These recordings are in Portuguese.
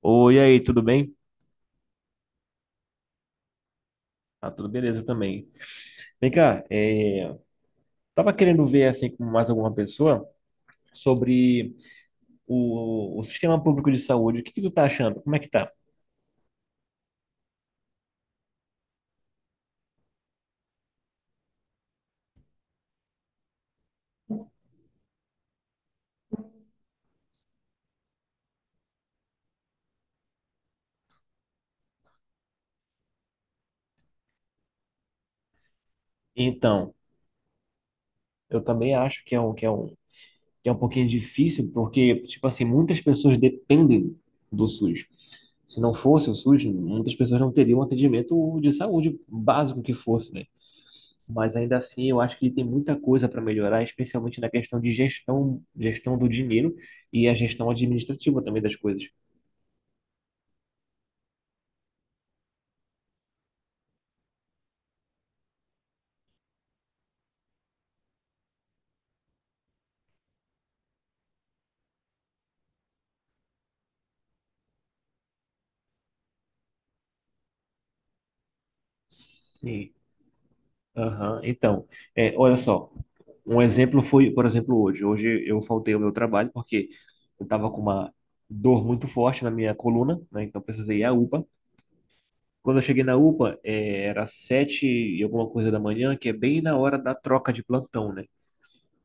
Oi, e aí, tudo bem? Ah, tudo beleza também. Vem cá, tava querendo ver assim com mais alguma pessoa sobre o sistema público de saúde. O que que tu tá achando? Como é que tá? Então, eu também acho que é que é um pouquinho difícil, porque, tipo assim, muitas pessoas dependem do SUS. Se não fosse o SUS, muitas pessoas não teriam um atendimento de saúde básico que fosse, né? Mas ainda assim eu acho que ele tem muita coisa para melhorar, especialmente na questão de gestão, gestão do dinheiro e a gestão administrativa também das coisas. Sim. Aham. Então, olha só, um exemplo foi, por exemplo, hoje. Hoje eu faltei ao meu trabalho porque eu estava com uma dor muito forte na minha coluna, né? Então precisei ir à UPA. Quando eu cheguei na UPA, era sete e alguma coisa da manhã, que é bem na hora da troca de plantão, né?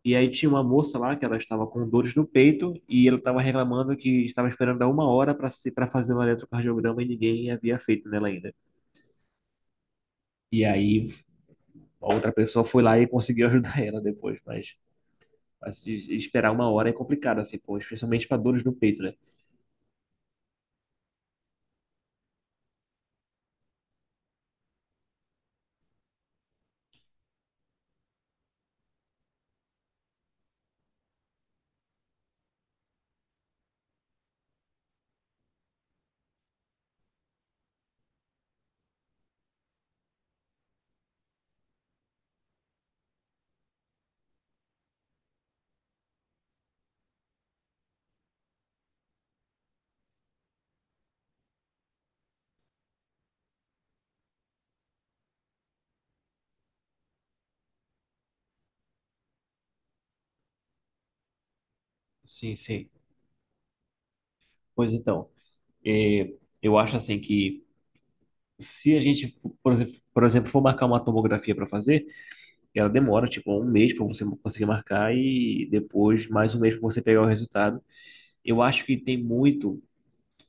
E aí tinha uma moça lá que ela estava com dores no peito e ela estava reclamando que estava esperando há uma hora para se, para fazer um eletrocardiograma e ninguém havia feito nela ainda. E aí a outra pessoa foi lá e conseguiu ajudar ela depois, mas, de esperar uma hora é complicado, assim, pô, especialmente para dores no peito, né? Sim, sim. Pois então, é, eu acho assim que se a gente, por exemplo, for marcar uma tomografia para fazer, ela demora tipo um mês para você conseguir marcar e depois mais um mês para você pegar o resultado. Eu acho que tem muito,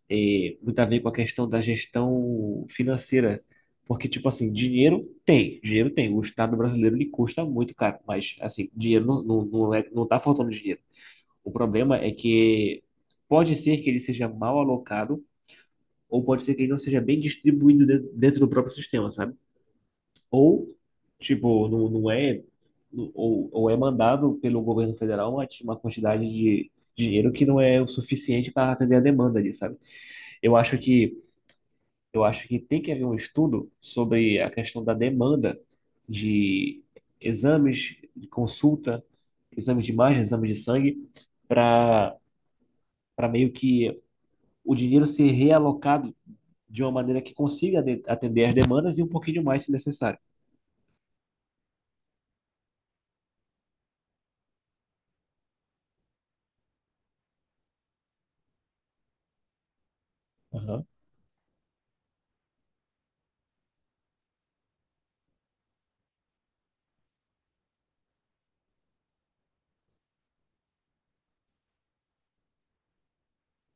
eh, muito a ver com a questão da gestão financeira. Porque, tipo assim, dinheiro tem, dinheiro tem. O Estado brasileiro ele custa muito caro, mas, assim, dinheiro não é, não tá faltando dinheiro. O problema é que pode ser que ele seja mal alocado, ou pode ser que ele não seja bem distribuído dentro do próprio sistema, sabe? Ou, tipo, não, não é, ou é mandado pelo governo federal uma quantidade de dinheiro que não é o suficiente para atender a demanda ali, sabe? Eu acho que eu acho que tem que haver um estudo sobre a questão da demanda de exames de consulta, exames de imagem, exames de sangue, para para meio que o dinheiro ser realocado de uma maneira que consiga atender as demandas e um pouquinho mais se necessário. Aham.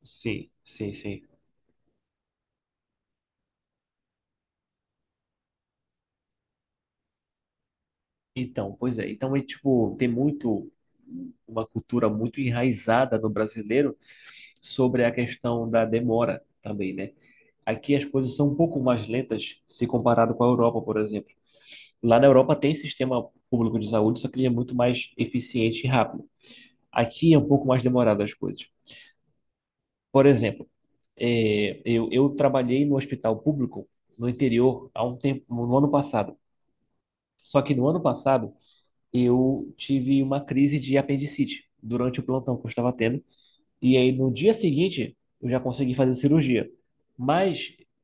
Sim, sim, sim. Então, pois é. Então é tipo, tem muito uma cultura muito enraizada no brasileiro sobre a questão da demora também, né? Aqui as coisas são um pouco mais lentas se comparado com a Europa, por exemplo. Lá na Europa tem sistema público de saúde, só que ele é muito mais eficiente e rápido. Aqui é um pouco mais demorado as coisas. Por exemplo, eu trabalhei no hospital público no interior há um tempo, no ano passado. Só que no ano passado eu tive uma crise de apendicite durante o plantão que eu estava tendo. E aí no dia seguinte eu já consegui fazer cirurgia. Mas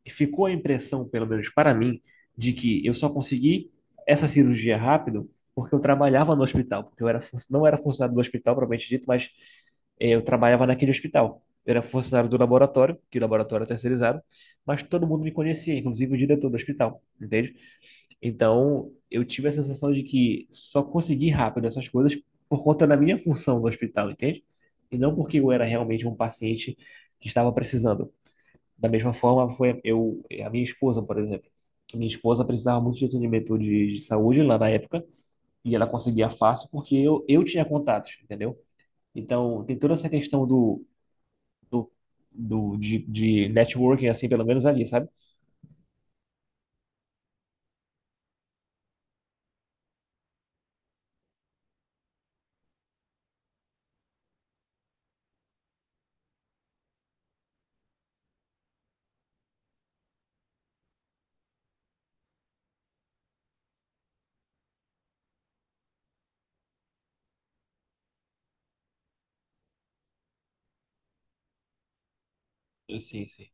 ficou a impressão, pelo menos para mim, de que eu só consegui essa cirurgia rápido porque eu trabalhava no hospital, porque eu era, não era funcionário do hospital, propriamente dito, mas eu trabalhava naquele hospital. Eu era funcionário do laboratório, que o laboratório é terceirizado, mas todo mundo me conhecia, inclusive o diretor do hospital, entende? Então, eu tive a sensação de que só consegui rápido essas coisas por conta da minha função no hospital, entende? E não porque eu era realmente um paciente que estava precisando. Da mesma forma, foi eu, a minha esposa, por exemplo. A minha esposa precisava muito de atendimento de saúde lá na época, e ela conseguia fácil porque eu tinha contatos, entendeu? Então, tem toda essa questão do, do de networking, assim, pelo menos ali, sabe? Sim, sim.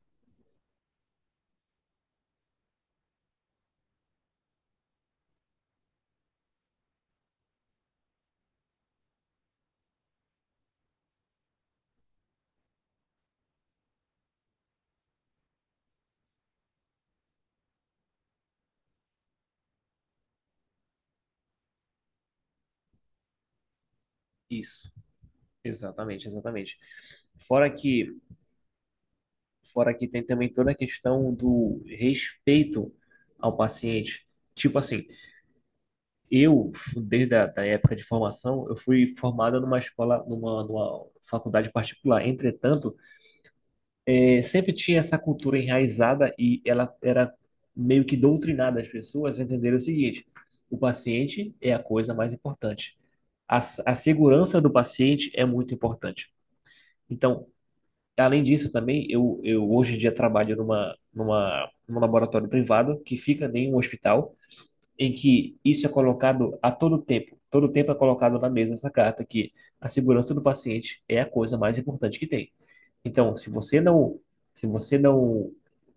Isso. Exatamente, exatamente. Fora que Fora que tem também toda a questão do respeito ao paciente. Tipo assim, eu, desde a da época de formação, eu fui formado numa escola, numa faculdade particular. Entretanto, sempre tinha essa cultura enraizada e ela era meio que doutrinada as pessoas a entenderem o seguinte: o paciente é a coisa mais importante. A, a segurança do paciente é muito importante. Então, além disso, também, eu hoje em dia trabalho num laboratório privado que fica em um hospital, em que isso é colocado a todo tempo. Todo tempo é colocado na mesa essa carta que a segurança do paciente é a coisa mais importante que tem. Então, se você não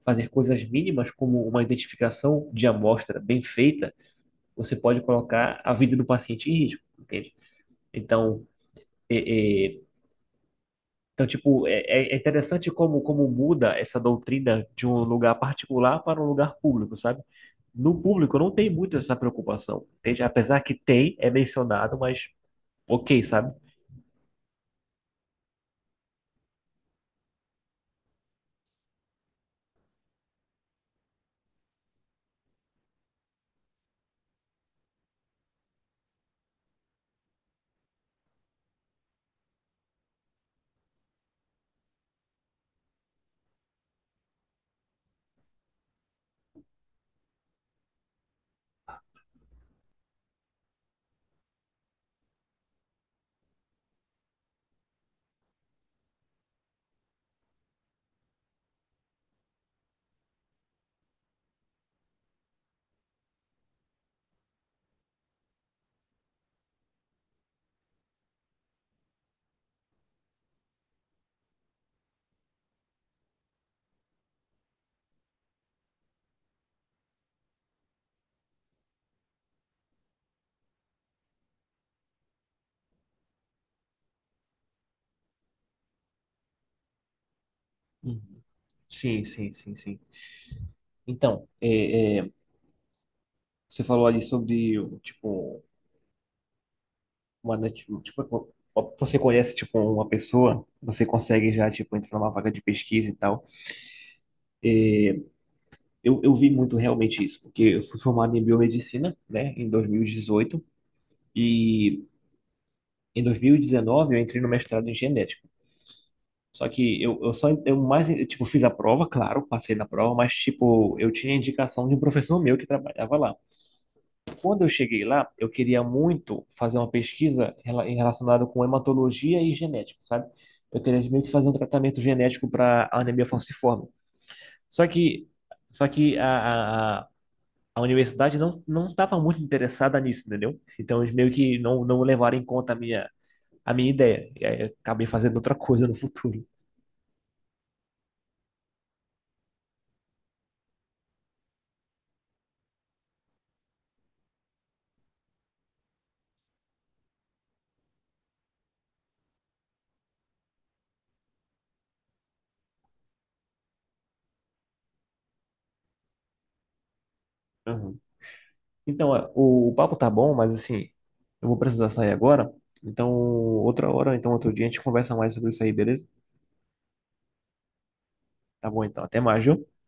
fazer coisas mínimas como uma identificação de amostra bem feita, você pode colocar a vida do paciente em risco, entende? Então, é, é, então, tipo, é, é interessante como muda essa doutrina de um lugar particular para um lugar público, sabe? No público não tem muito essa preocupação, entende? Apesar que tem, é mencionado, mas ok, sabe? Uhum. Sim, sim, sim, sim. Então, é, é, você falou ali sobre, tipo, tipo, você conhece, tipo, uma pessoa, você consegue já, tipo, entrar numa vaga de pesquisa e tal. Eu vi muito realmente isso, porque eu fui formado em biomedicina, né, em 2018. Em 2019, eu entrei no mestrado em genética. Só que eu só, eu mais, eu, tipo, fiz a prova, claro, passei na prova, mas, tipo, eu tinha indicação de um professor meu que trabalhava lá. Quando eu cheguei lá, eu queria muito fazer uma pesquisa relacionada com hematologia e genética, sabe? Eu queria meio que fazer um tratamento genético para a anemia falciforme. Só que, só que a universidade não estava muito interessada nisso, entendeu? Então, eles meio que não levaram em conta a minha ideia. E aí eu acabei fazendo outra coisa no futuro. Uhum. Então, o papo tá bom, mas assim, eu vou precisar sair agora. Então, outra hora, então outro dia a gente conversa mais sobre isso aí, beleza? Tá bom, então. Até mais, viu?